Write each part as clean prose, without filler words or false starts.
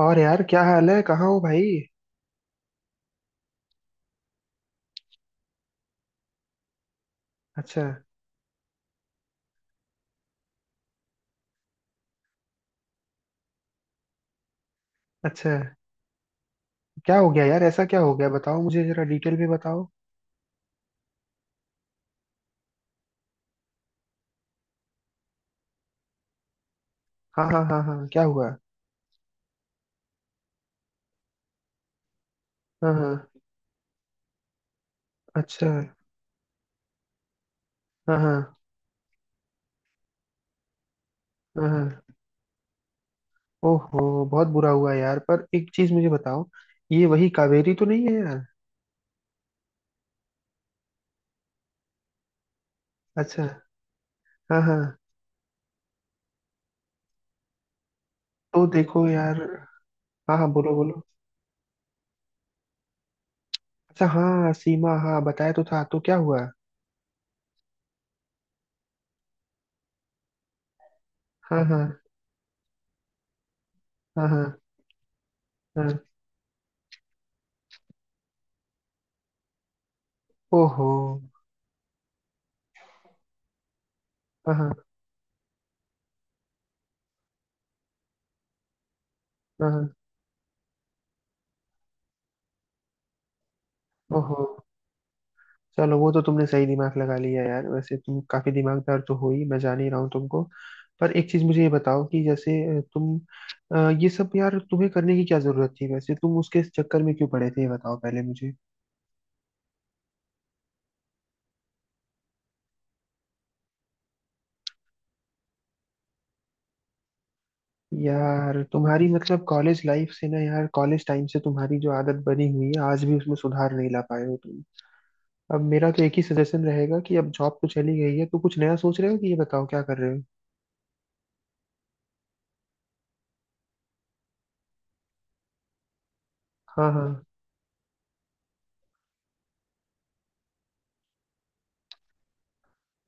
और यार क्या हाल है? कहाँ हो भाई? अच्छा। अच्छा, क्या हो गया यार? ऐसा क्या हो गया? बताओ मुझे, जरा डिटेल में बताओ। हाँ हाँ हाँ हाँ, क्या हुआ? हाँ हाँ। अच्छा। हाँ हाँ हाँ हाँ। ओहो, बहुत बुरा हुआ यार। पर एक चीज मुझे बताओ, ये वही कावेरी तो नहीं है यार? अच्छा। हाँ हाँ। तो देखो यार। हाँ हाँ, बोलो बोलो। अच्छा, हाँ सीमा, हाँ बताया तो था, तो क्या हुआ? हाँ हाँ। हाँ हाँ। हाँ। ओहो। हाँ हाँ, हाँ हाँ, ओहो। चलो, वो तो तुमने सही दिमाग लगा लिया यार। वैसे तुम काफी दिमागदार तो हो ही, मैं जान ही रहा हूँ तुमको। पर एक चीज मुझे ये बताओ कि जैसे तुम ये सब यार तुम्हें करने की क्या जरूरत थी? वैसे तुम उसके चक्कर में क्यों पड़े थे, ये बताओ पहले मुझे। यार तुम्हारी मतलब कॉलेज लाइफ से ना यार, कॉलेज टाइम से तुम्हारी जो आदत बनी हुई है, आज भी उसमें सुधार नहीं ला पाए हो तुम। अब मेरा तो एक ही सजेशन रहेगा कि अब जॉब तो चली गई है, तो कुछ नया सोच रहे हो कि, ये बताओ क्या कर रहे हो। हाँ हाँ।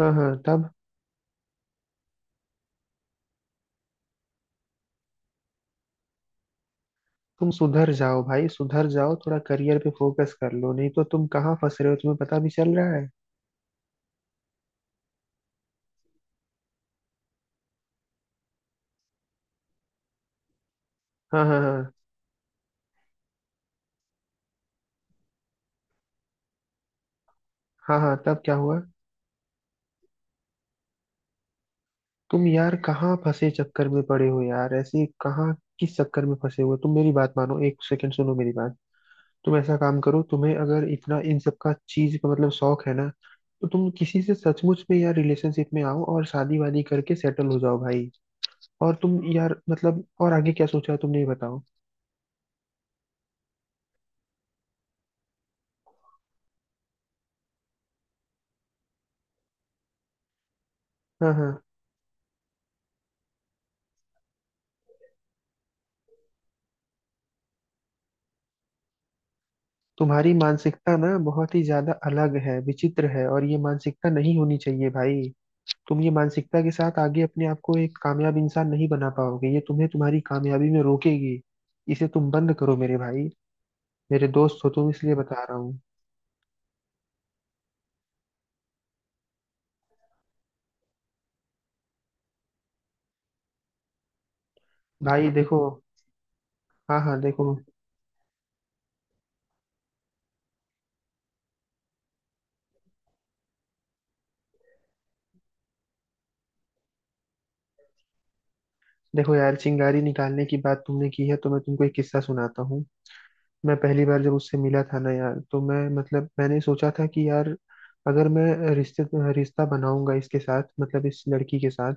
हाँ हाँ तब। तुम सुधर जाओ भाई, सुधर जाओ। थोड़ा करियर पे फोकस कर लो, नहीं तो तुम कहाँ फंस रहे हो तुम्हें पता भी चल रहा है? हाँ हाँ हाँ। हाँ हाँ तब क्या हुआ? तुम यार कहाँ फंसे चक्कर में पड़े हो यार, ऐसे कहाँ? किस चक्कर में फंसे हुए हो? तुम मेरी बात मानो, एक सेकंड सुनो मेरी बात। तुम ऐसा काम करो, तुम्हें अगर इतना इन सब का चीज का मतलब शौक है ना, तो तुम किसी से सचमुच में यार रिलेशनशिप में आओ और शादी वादी करके सेटल हो जाओ भाई। और तुम यार मतलब और आगे क्या सोचा है तुमने, ये बताओ। हाँ हाँ। तुम्हारी मानसिकता ना बहुत ही ज्यादा अलग है, विचित्र है, और ये मानसिकता नहीं होनी चाहिए भाई। तुम ये मानसिकता के साथ आगे अपने आप को एक कामयाब इंसान नहीं बना पाओगे, ये तुम्हें तुम्हारी कामयाबी में रोकेगी। इसे तुम बंद करो मेरे भाई। मेरे दोस्त हो तुम, इसलिए बता रहा हूँ। भाई देखो। हाँ हाँ देखो। देखो यार, चिंगारी निकालने की बात तुमने की है, तो मैं तुमको एक किस्सा सुनाता हूँ। मैं पहली बार जब उससे मिला था ना यार, तो मैं मतलब मैंने सोचा था कि यार, अगर मैं रिश्ते रिश्ता बनाऊंगा इसके साथ, मतलब इस लड़की के साथ,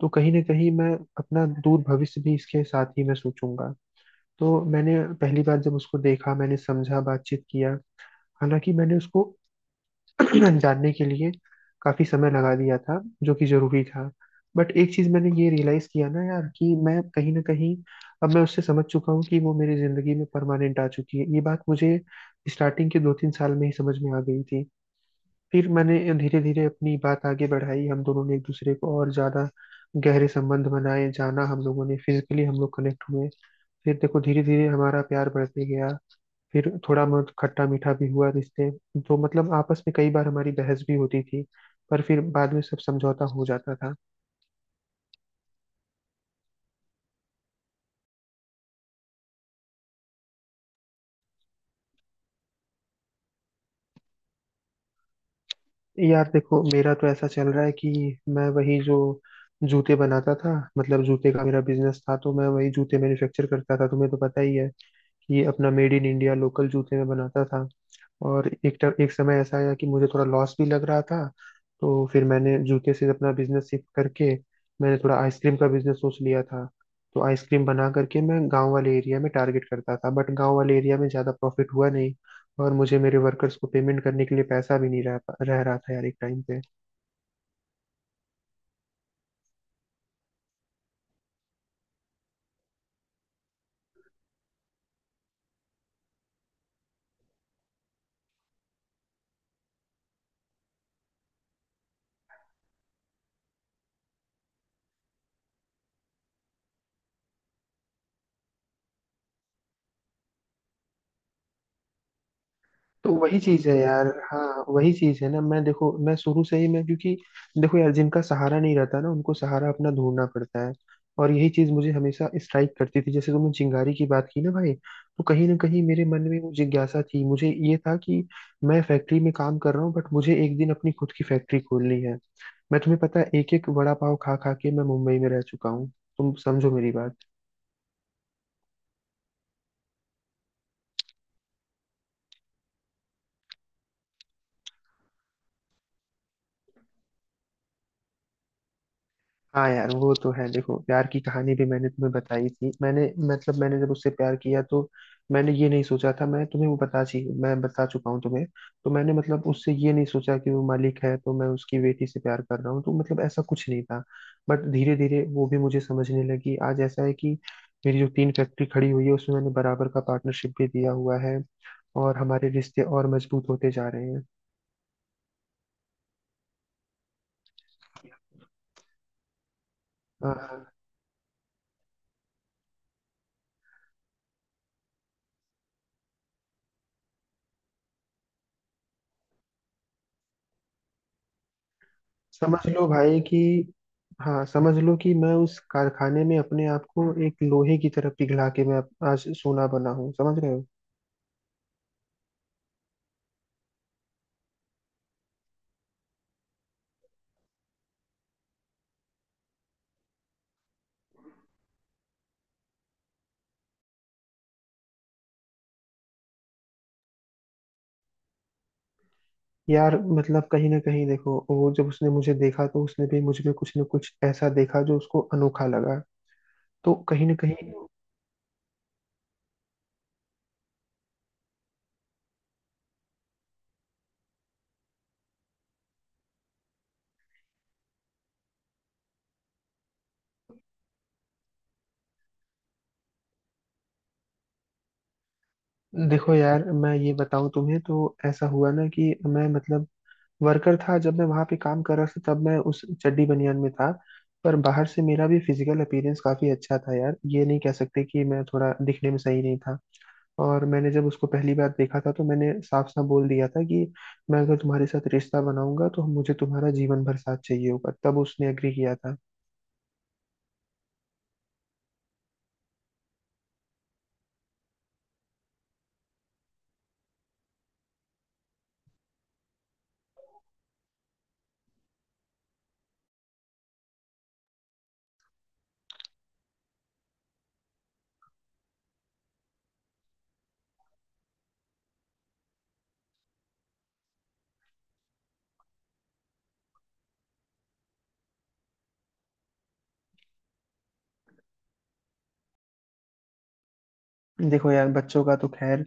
तो कहीं ना कहीं मैं अपना दूर भविष्य भी इसके साथ ही मैं सोचूंगा। तो मैंने पहली बार जब उसको देखा, मैंने समझा, बातचीत किया। हालांकि मैंने उसको जानने के लिए काफी समय लगा दिया था, जो कि जरूरी था। बट एक चीज मैंने ये रियलाइज किया ना यार कि मैं कहीं ना कहीं, अब मैं उससे समझ चुका हूँ कि वो मेरी जिंदगी में परमानेंट आ चुकी है। ये बात मुझे स्टार्टिंग के दो तीन साल में ही समझ में आ गई थी। फिर मैंने धीरे धीरे अपनी बात आगे बढ़ाई। हम दोनों ने एक दूसरे को और ज्यादा गहरे संबंध बनाए, जाना, हम लोगों ने फिजिकली हम लोग कनेक्ट हुए। फिर देखो धीरे धीरे हमारा प्यार बढ़ते गया। फिर थोड़ा बहुत खट्टा मीठा भी हुआ रिश्ते, तो मतलब आपस में कई बार हमारी बहस भी होती थी, पर फिर बाद में सब समझौता हो जाता था। यार देखो, मेरा तो ऐसा चल रहा है कि मैं वही जो जूते बनाता था, मतलब जूते का मेरा बिजनेस था, तो मैं वही जूते मैन्युफैक्चर करता था, तुम्हें तो पता ही है कि अपना मेड इन इंडिया लोकल जूते में बनाता था। और एक समय ऐसा आया कि मुझे थोड़ा लॉस भी लग रहा था। तो फिर मैंने जूते से अपना बिजनेस शिफ्ट करके मैंने थोड़ा आइसक्रीम का बिजनेस सोच लिया था। तो आइसक्रीम बना करके मैं गांव वाले एरिया में टारगेट करता था, बट गांव वाले एरिया में ज़्यादा प्रॉफिट हुआ नहीं, और मुझे मेरे वर्कर्स को पेमेंट करने के लिए पैसा भी नहीं रह रहा था यार एक टाइम पे। तो वही चीज है यार, हाँ वही चीज है ना। मैं देखो मैं शुरू से ही मैं, क्योंकि देखो यार, जिनका सहारा नहीं रहता ना, उनको सहारा अपना ढूंढना पड़ता है। और यही चीज मुझे हमेशा स्ट्राइक करती थी। जैसे तुमने चिंगारी की बात की ना भाई, तो कहीं ना कहीं मेरे मन में वो जिज्ञासा थी, मुझे ये था कि मैं फैक्ट्री में काम कर रहा हूँ, बट मुझे एक दिन अपनी खुद की फैक्ट्री खोलनी है। मैं, तुम्हें पता है, एक एक वड़ा पाव खा खा के मैं मुंबई में रह चुका हूँ। तुम समझो मेरी बात। हाँ यार वो तो है। देखो प्यार की कहानी भी मैंने तुम्हें बताई थी मैंने। मतलब मैंने जब उससे प्यार किया, तो मैंने ये नहीं सोचा था, मैं तुम्हें वो बता ची मैं बता चुका हूँ तुम्हें। तो मैंने मतलब उससे ये नहीं सोचा कि वो मालिक है तो मैं उसकी बेटी से प्यार कर रहा हूँ, तो मतलब ऐसा कुछ नहीं था। बट धीरे धीरे वो भी मुझे समझने लगी। आज ऐसा है कि मेरी जो तीन फैक्ट्री खड़ी हुई है, उसमें मैंने बराबर का पार्टनरशिप भी दिया हुआ है, और हमारे रिश्ते और मजबूत होते जा रहे हैं। समझ लो भाई कि, हाँ समझ लो कि मैं उस कारखाने में अपने आप को एक लोहे की तरह पिघला के मैं अब आज सोना बना हूँ, समझ रहे हो? यार मतलब कहीं ना कहीं देखो, वो जब उसने मुझे देखा, तो उसने भी मुझ में कुछ ना कुछ ऐसा देखा जो उसको अनोखा लगा। तो कहीं ना कहीं। देखो यार, मैं ये बताऊं तुम्हें, तो ऐसा हुआ ना कि मैं मतलब वर्कर था, जब मैं वहां पे काम कर रहा था तब मैं उस चड्डी बनियान में था। पर बाहर से मेरा भी फिजिकल अपीयरेंस काफी अच्छा था यार, ये नहीं कह सकते कि मैं थोड़ा दिखने में सही नहीं था। और मैंने जब उसको पहली बार देखा था, तो मैंने साफ साफ बोल दिया था कि मैं अगर तुम्हारे साथ रिश्ता बनाऊंगा, तो मुझे तुम्हारा जीवन भर साथ चाहिए होगा। तब उसने एग्री किया था। देखो यार, बच्चों का तो खैर,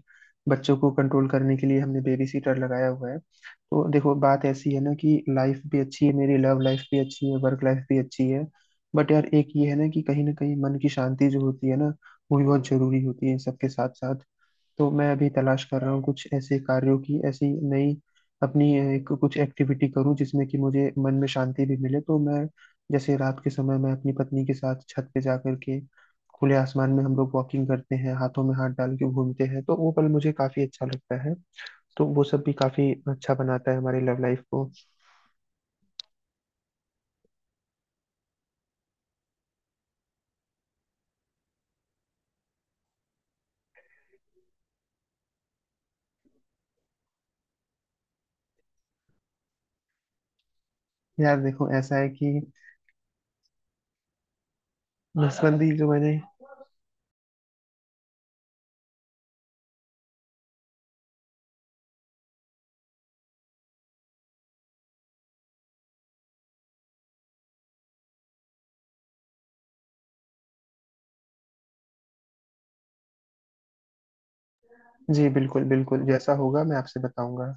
बच्चों को कंट्रोल करने के लिए हमने बेबी सीटर लगाया हुआ है। तो देखो बात ऐसी है ना कि लाइफ भी अच्छी है, मेरी लव लाइफ भी अच्छी है, वर्क लाइफ भी अच्छी है। बट यार एक ये है ना कि कहीं ना कहीं मन की शांति जो होती है ना, वो भी बहुत जरूरी होती है सबके साथ साथ। तो मैं अभी तलाश कर रहा हूँ कुछ ऐसे कार्यों की, ऐसी नई अपनी कुछ एक्टिविटी करूँ जिसमें कि मुझे मन में शांति भी मिले। तो मैं, जैसे रात के समय मैं अपनी पत्नी के साथ छत पे जा करके खुले आसमान में हम लोग वॉकिंग करते हैं, हाथों में हाथ डाल के घूमते हैं, तो वो पल मुझे काफी अच्छा लगता है। तो वो सब भी काफी अच्छा बनाता है हमारी लव लाइफ को। यार देखो, ऐसा है कि नसबंदी जो मैंने। जी बिल्कुल बिल्कुल, जैसा होगा मैं आपसे बताऊंगा।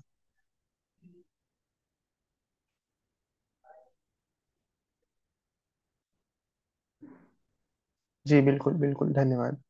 जी बिल्कुल बिल्कुल, धन्यवाद।